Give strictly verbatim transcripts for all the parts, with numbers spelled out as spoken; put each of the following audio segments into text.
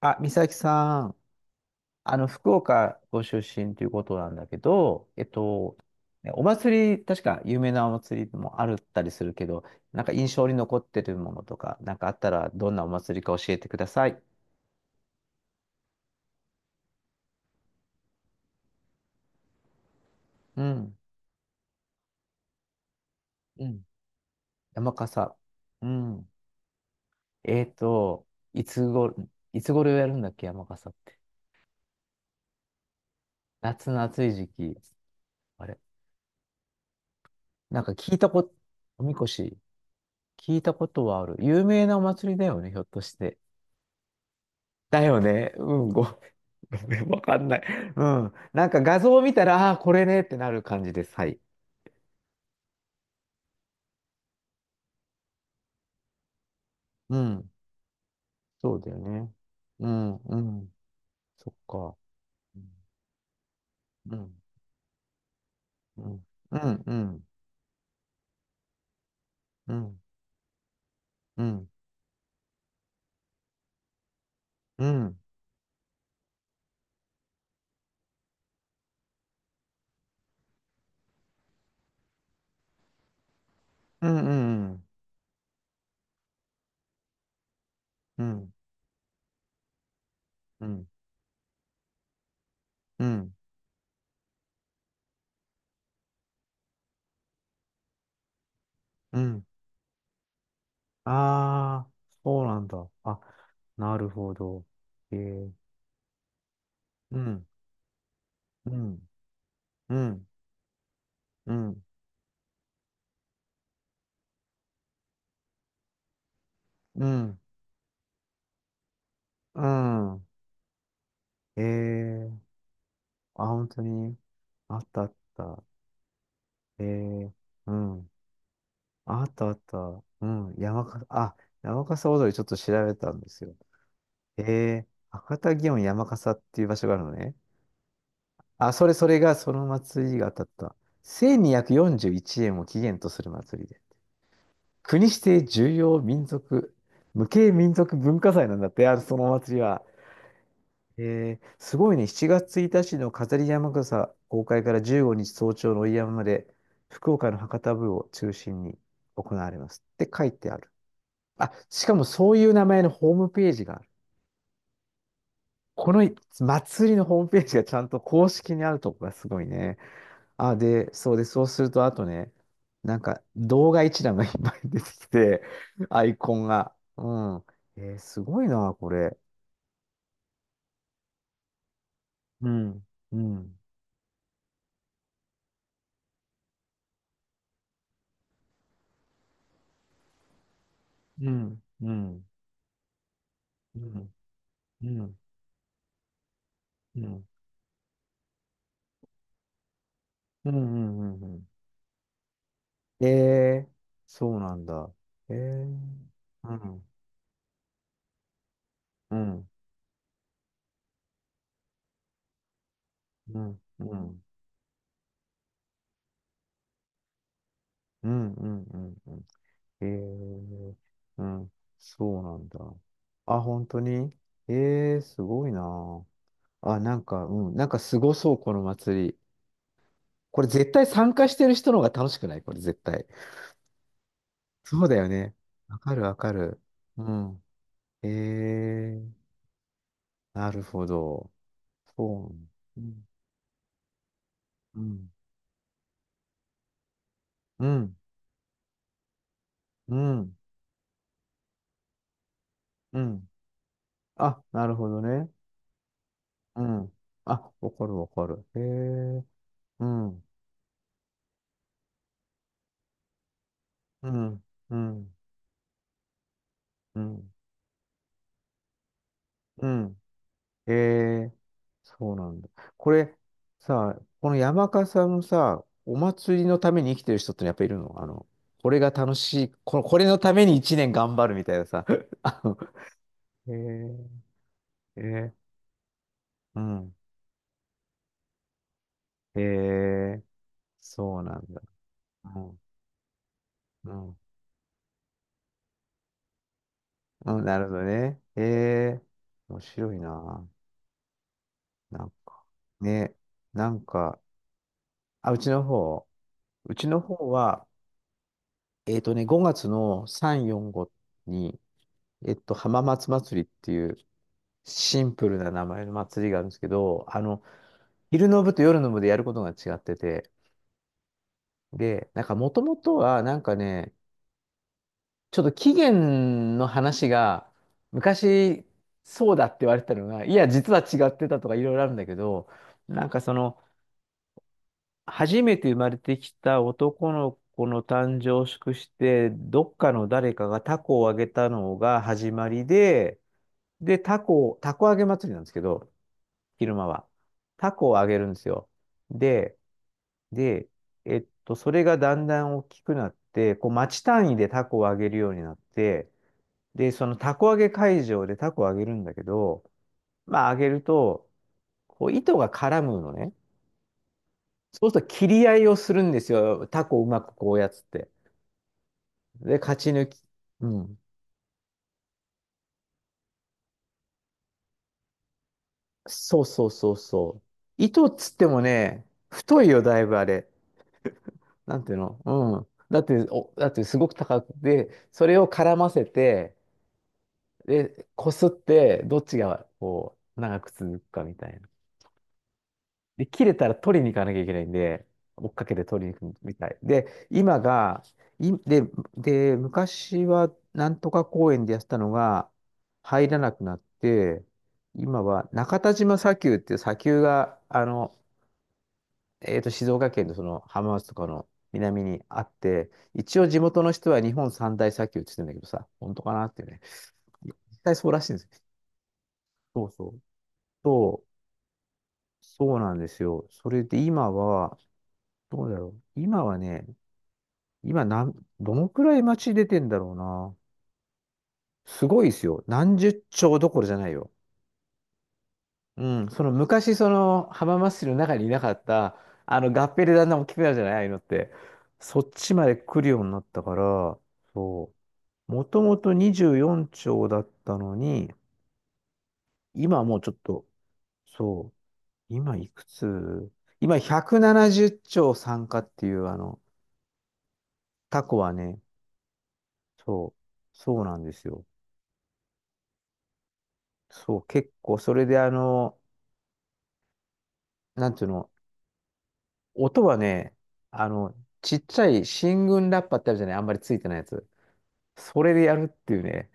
あ、美咲さん、あの、福岡ご出身ということなんだけど、えっと、ねお祭り、確か有名なお祭りもあるったりするけど、なんか印象に残ってるものとか、なんかあったらどんなお祭りか教えてください。うん。うん。山笠。うん。えっと、いつご、いつ頃やるんだっけ、山笠って。夏の暑い時期。あれ。なんか聞いたこと、おみこし、聞いたことはある。有名なお祭りだよね、ひょっとして。だよね。うん、ご、わかんない。うん。なんか画像を見たら、ああ、これねってなる感じです。はい。うん。そうだよね。うん、うん。そっか。うん、うん、うん、うん、うん、うん、うん、うん、うん、うん、うん、うん、うん。ああ、そうなんだ。あ、なるほど。えー、うん、うん、うん、うん、うん、うん。えー、あ、本当に、あったあった。えー、うん。あったあった。うん。山笠、あ、山笠踊りちょっと調べたんですよ。えー、博多祇園山笠っていう場所があるのね。あ、それそれがその祭りが当たった。せんにひゃくよんじゅういちえんを起源とする祭りで。国指定重要民族、無形民族文化財なんだって、あるそのお祭りは。えー、すごいね。しちがつついたちの飾り山笠公開からじゅうごにち早朝の追い山まで、福岡の博多部を中心に行われます。って書いてある。あ、しかもそういう名前のホームページがある。この祭りのホームページがちゃんと公式にあるとこがすごいね。あ、で、そうで、そうすると、あとね、なんか動画一覧がいっぱい出てきて、アイコンが。うん。えー、すごいな、これ。うん、うん、うん、うん、うん、うん。うん。うん、うん、うん、うん。ええ、そうなんだ。ええ、うん、うん、うん、うん、うん、うん、うん。うんええ、うん、そうなんだ。あ、本当にええ、すごいな。あ、なんか、うん、なんかすごそう、この祭り。これ絶対参加してる人の方が楽しくないこれ絶対。そうだよね。わかる、わかる。うん。ええ、なるほど。そう。うん、うん。うんうん。うん。あ、なるほどね。うん。あ、わかるわかる。へえ。うん。うん。うん。うん。うん。へえ。そうなんだ。これ、さ、この山笠さんもさ、お祭りのために生きてる人ってやっぱいるのあの、これが楽しい、こ、これのためにいちねん頑張るみたいなさ。あの、へえ。へえ。うん。へえ。そうなんだ。うん。うんうん、なるほどね。ええ面白いな。なんか、ね、なんか、あ、うちの方、うちの方は、えっとね、ごがつのさん、よん、ごに、えっと、浜松祭りっていうシンプルな名前の祭りがあるんですけど、あの、昼の部と夜の部でやることが違ってて、で、なんか、もともとは、なんかね、ちょっと起源の話が、昔、そうだって言われてたのが、いや、実は違ってたとかいろいろあるんだけど、なんかその、初めて生まれてきた男の子の誕生を祝して、どっかの誰かがタコをあげたのが始まりで、で、タコ、タコあげ祭りなんですけど、昼間は。タコをあげるんですよ。で、で、えっと、それがだんだん大きくなって、こう、町単位でタコをあげるようになって、で、そのタコあげ会場でタコをあげるんだけど、まあ、あげると、こう、糸が絡むのね。そうすると、切り合いをするんですよ。タコをうまくこうやっつって。で、勝ち抜き。うん。そうそうそうそう。糸っつってもね、太いよ、だいぶあれ。なんていうのうん。だって、お、だってすごく高くて、それを絡ませて、で、こすって、どっちがこう、長く続くかみたいで、切れたら取りに行かなきゃいけないんで、追っかけて取りに行くみたい。で、今が、い、で、で、昔はなんとか公園でやってたのが入らなくなって、今は中田島砂丘っていう砂丘が、あの、えっと、静岡県のその浜松とかの南にあって、一応地元の人は日本三大砂丘って言ってるんだけどさ、本当かなっていうね。いや実際そうらしいんですよ。そうそう。そうそうなんですよ。それで今は、どうだろう。今はね、今なん、どのくらい街出てんだろうな。すごいですよ。何十兆どころじゃないよ。うん。その昔、その浜松市の中にいなかった、あの合併でだんだん大きくなるじゃない、ああいうのって。そっちまで来るようになったから、そう。もともとにじゅうよんちょうだったのに、今はもうちょっと、そう。今いくつ今ひゃくななじゅっちょう参加っていう、あの、タコはね、そう。そうなんですよ。そう、結構、それであの、なんていうの、音はね、あの、ちっちゃい進軍ラッパってあるじゃない、あんまりついてないやつ。それでやるっていうね、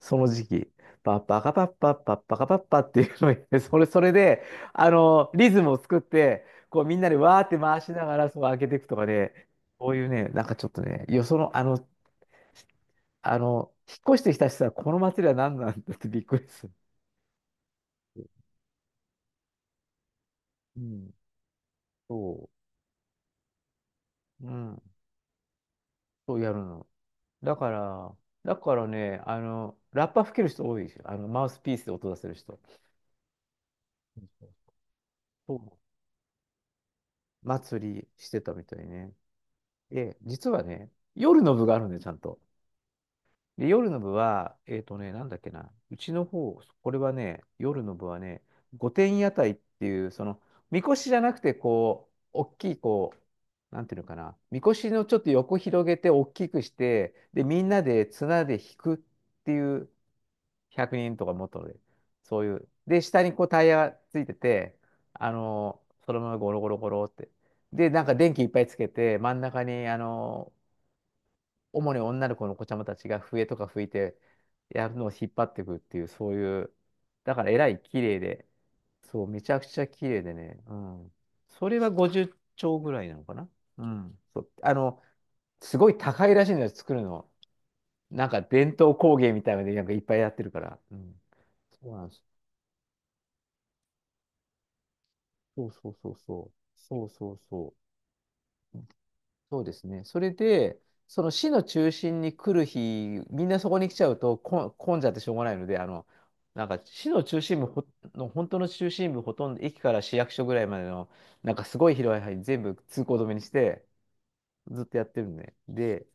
その時期。パッパカパッパッパッパカパッパっていうのをやってそれ、それで、あの、リズムを作って、こうみんなでわーって回しながら、そう開けていくとかで、こういうね、なんかちょっとね、よその、あの、あの、引っ越してきた人はこの祭りは何なんだってびっくりする。うん、そう、うん、そうやるの。だから、だからね、あの、ラッパ吹ける人多いですよ。あの、マウスピースで音出せる人。そう祭りしてたみたいね。で、実はね、夜の部があるんで、ちゃんと。で、夜の部は、えっとね、なんだっけな、うちの方、これはね、夜の部はね、御殿屋台っていう、その、みこしじゃなくて、こう、大きい、こう、なんていうのかな、みこしのちょっと横広げて、大きくして、で、みんなで綱で引くっていう、ひゃくにんとかもっとで、そういう。で、下にこうタイヤがついてて、あの、そのままゴロゴロゴロって。で、なんか電気いっぱいつけて、真ん中に、あの、主に女の子の子ちゃまたちが笛とか吹いて、やるのを引っ張っていくっていう、そういう、だからえらい綺麗で、そう、めちゃくちゃ綺麗でね、うん。それはごじゅっちょうぐらいなのかなうん。そう、あの、すごい高いらしいのです作るの。なんか伝統工芸みたいなので、なんかいっぱいやってるから。うん。そうなんですそうそうそうそう。そうそうそう。そうですね。それで、その市の中心に来る日、みんなそこに来ちゃうとこ混んじゃってしょうがないので、あの、なんか市の中心部ほの、本当の中心部、ほとんど駅から市役所ぐらいまでの、なんかすごい広い範囲全部通行止めにして、ずっとやってるんで。で、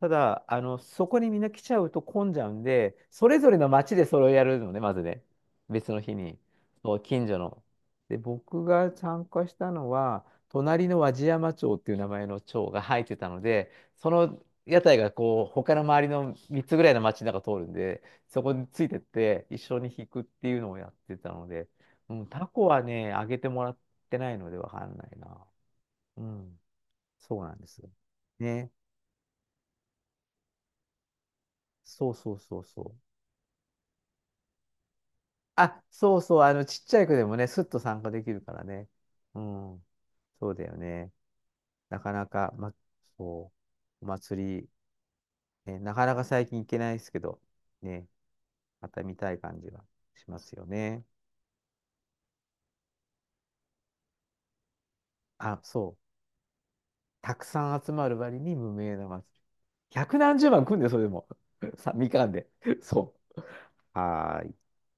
ただ、あの、そこにみんな来ちゃうと混んじゃうんで、それぞれの町でそれをやるのね、まずね。別の日に。そう、近所の。で、僕が参加したのは、隣の和地山町っていう名前の町が入ってたので、その屋台がこう、他の周りのみっつぐらいの町の中通るんで、そこについてって、一緒に弾くっていうのをやってたので、うん、タコはね、あげてもらってないのでわかんないな。うん、そうなんです。ね。そうそうそうそう。あ、そうそう、あの、ちっちゃい子でもね、すっと参加できるからね。うん、そうだよね。なかなか、ま、そう、お祭り、ね、なかなか最近行けないですけど、ね、また見たい感じがしますよね。あ、そう、たくさん集まる割に無名な祭り。ひゃくなんじゅうまん来んで、それでも。さ、みかんで。そう。はーい。